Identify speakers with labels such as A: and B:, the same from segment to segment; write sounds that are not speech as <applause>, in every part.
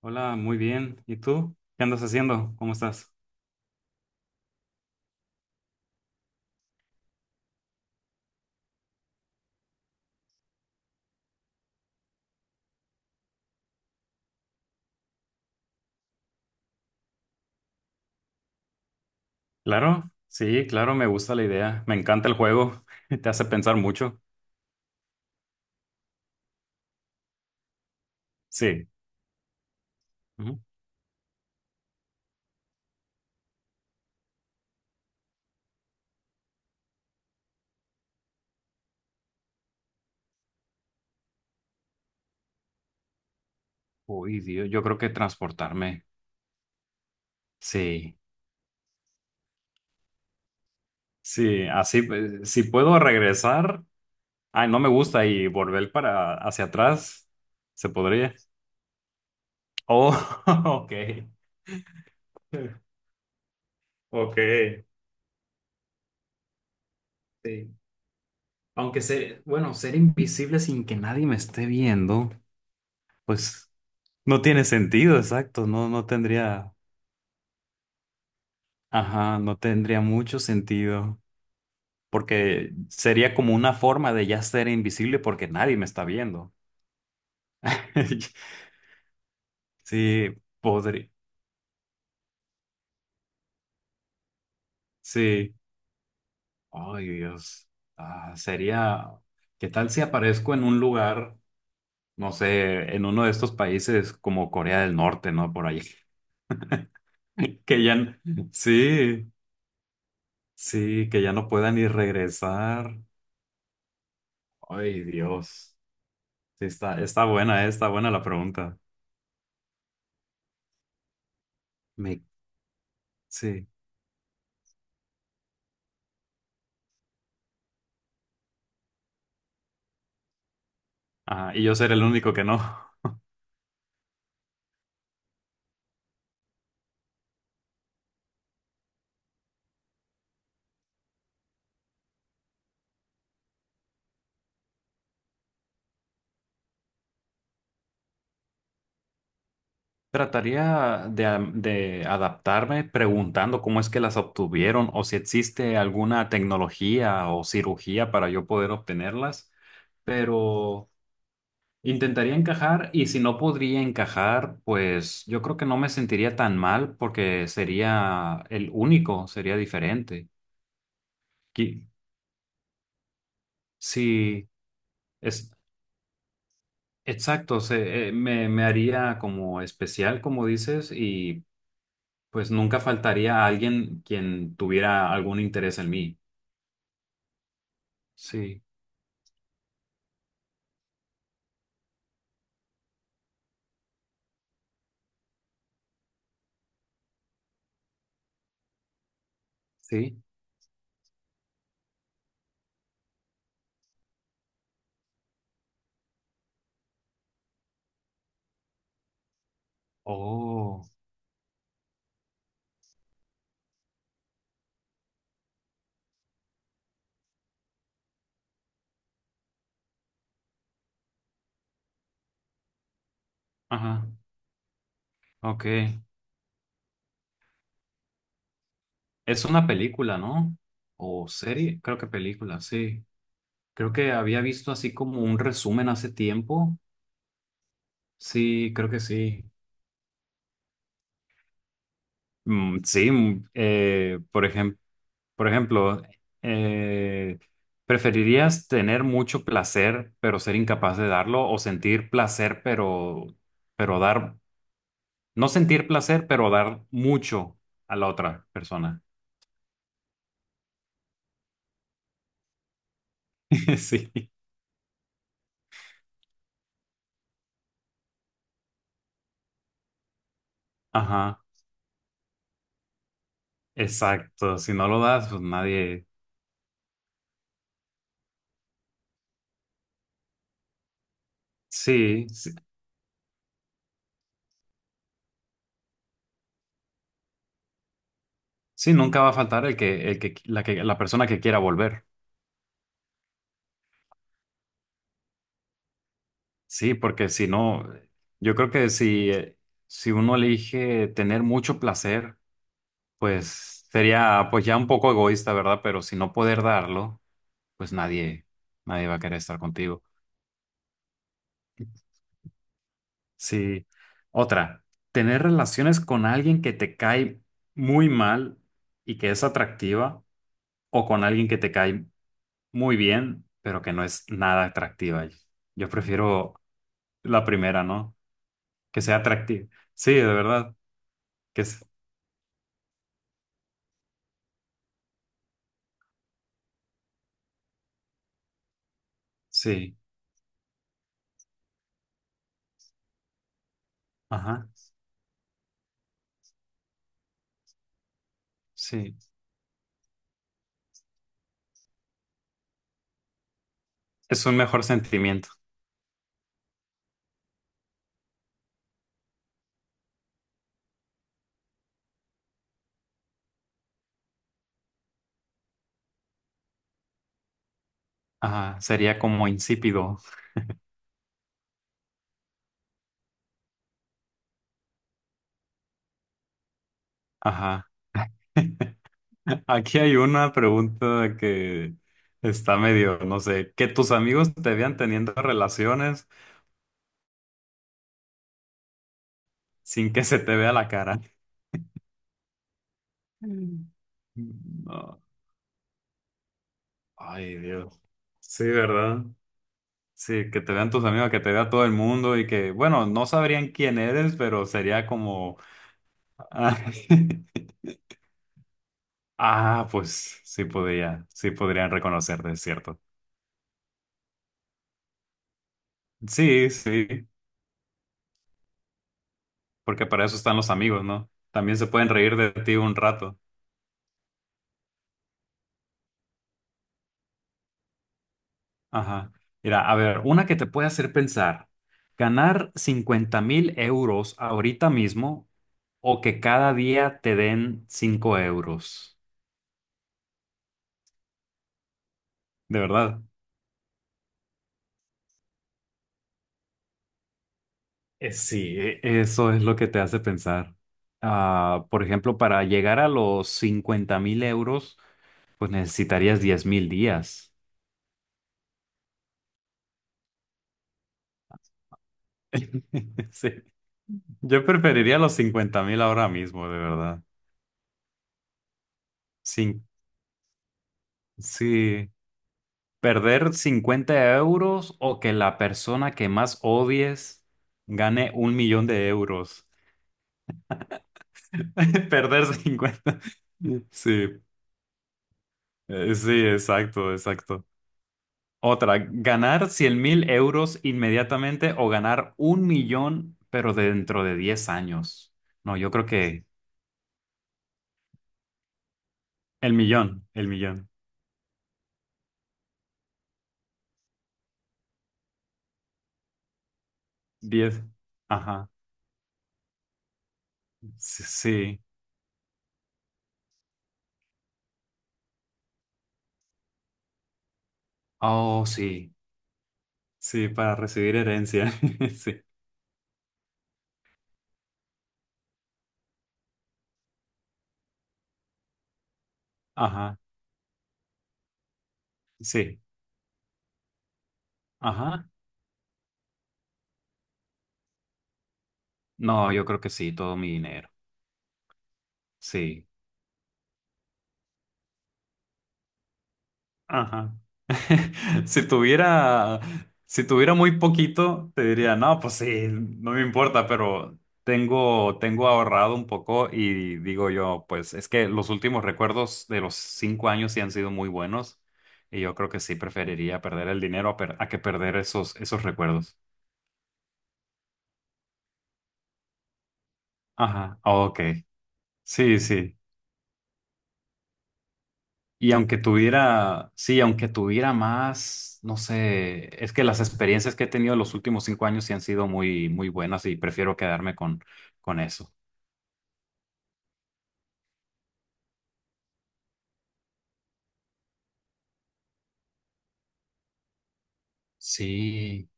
A: Hola, muy bien. ¿Y tú? ¿Qué andas haciendo? ¿Cómo estás? Claro, sí, claro, me gusta la idea. Me encanta el juego. <laughs> Te hace pensar mucho. Sí. Ujú. Uy, Dios, yo creo que transportarme. Sí, sí, así, pues, si puedo regresar. Ay, no me gusta y volver para hacia atrás. ¿Se podría? Oh, <laughs> ok. Ok. Sí. Aunque ser, bueno, ser invisible sin que nadie me esté viendo, pues. No tiene sentido, exacto. No, no tendría, ajá, no tendría mucho sentido. Porque sería como una forma de ya ser invisible porque nadie me está viendo. <laughs> Sí, podría. Sí. Ay, Dios. Ah, sería. ¿Qué tal si aparezco en un lugar, no sé, en uno de estos países como Corea del Norte, no? Por ahí. <laughs> Que ya. Sí, sí, que ya no pueda ni regresar. Ay, Dios. Sí, está buena la pregunta. Me- sí. Ajá, y yo ser el único que no. <laughs> Trataría de adaptarme preguntando cómo es que las obtuvieron o si existe alguna tecnología o cirugía para yo poder obtenerlas, pero intentaría encajar y si no podría encajar, pues yo creo que no me sentiría tan mal porque sería el único, sería diferente. Qui- Si, es, Exacto, me haría como especial, como dices, y pues nunca faltaría alguien quien tuviera algún interés en mí. Sí, sí. Oh, ajá, ok. Es una película, ¿no? O serie, creo que película, sí. Creo que había visto así como un resumen hace tiempo. Sí, creo que sí. Sí, por ejemplo. Por ejemplo, eh, ¿preferirías tener mucho placer pero ser incapaz de darlo o sentir placer pero dar, no sentir placer pero dar mucho a la otra persona? <laughs> Sí, ajá, exacto. Si no lo das, pues nadie, sí, sí, sí, nunca va a faltar el que, la persona que quiera volver. Sí, porque si no, yo creo que si uno elige tener mucho placer, pues sería pues ya un poco egoísta, ¿verdad? Pero si no poder darlo, pues nadie va a querer estar contigo. Sí. Otra, tener relaciones con alguien que te cae muy mal y que es atractiva, o con alguien que te cae muy bien, pero que no es nada atractiva. Yo prefiero la primera, ¿no? Que sea atractiva. Sí, de verdad. Que es. Sí. Ajá. Sí. Es un mejor sentimiento. Ajá. Sería como insípido. Ajá. <laughs> Aquí hay una pregunta que está medio, no sé, que tus amigos te vean teniendo relaciones sin que se te vea la cara. Mm. No. Ay, Dios. Sí, ¿verdad? Sí, que te vean tus amigos, que te vea todo el mundo y que, bueno, no sabrían quién eres, pero sería como. Ah, <laughs> ah, pues sí podrían reconocerte, es cierto. Sí, sí. Porque para eso están los amigos, ¿no? También se pueden reír de ti un rato. Ajá. Mira, a ver, una que te puede hacer pensar, ganar 50 mil euros ahorita mismo o que cada día te den 5 euros. De verdad. Sí, eso es lo que te hace pensar. Ah, por ejemplo, para llegar a los 50 mil euros, pues necesitarías 10.000 días. <laughs> Sí. Yo preferiría los 50.000 ahora mismo, de verdad. Sí, perder 50 € o que la persona que más odies gane 1 millón de euros. <laughs> Perder 50. Sí, sí, exacto, exacto. Otra, ganar 100.000 € inmediatamente o ganar 1 millón, pero dentro de 10 años. No, yo creo que el millón, el millón. 10. Ajá, sí. Sí. Oh, sí, sí, para recibir herencia. <laughs> Sí, ajá. Sí, ajá. No, yo creo que sí, todo mi dinero. Sí. Ajá. <laughs> Si tuviera, si tuviera muy poquito, te diría, no, pues sí, no me importa, pero tengo ahorrado un poco y digo yo, pues es que los últimos recuerdos de los 5 años sí han sido muy buenos y yo creo que sí preferiría perder el dinero a que perder esos recuerdos. Ajá. Ok. Sí, sí. Y sí, aunque tuviera más, no sé, es que las experiencias que he tenido los últimos 5 años sí han sido muy, muy buenas y prefiero quedarme con eso. Sí,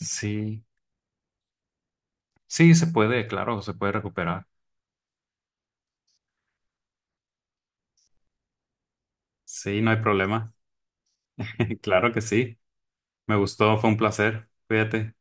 A: sí, sí, se puede, claro, se puede recuperar. Sí, no hay problema. <laughs> Claro que sí. Me gustó, fue un placer. Cuídate.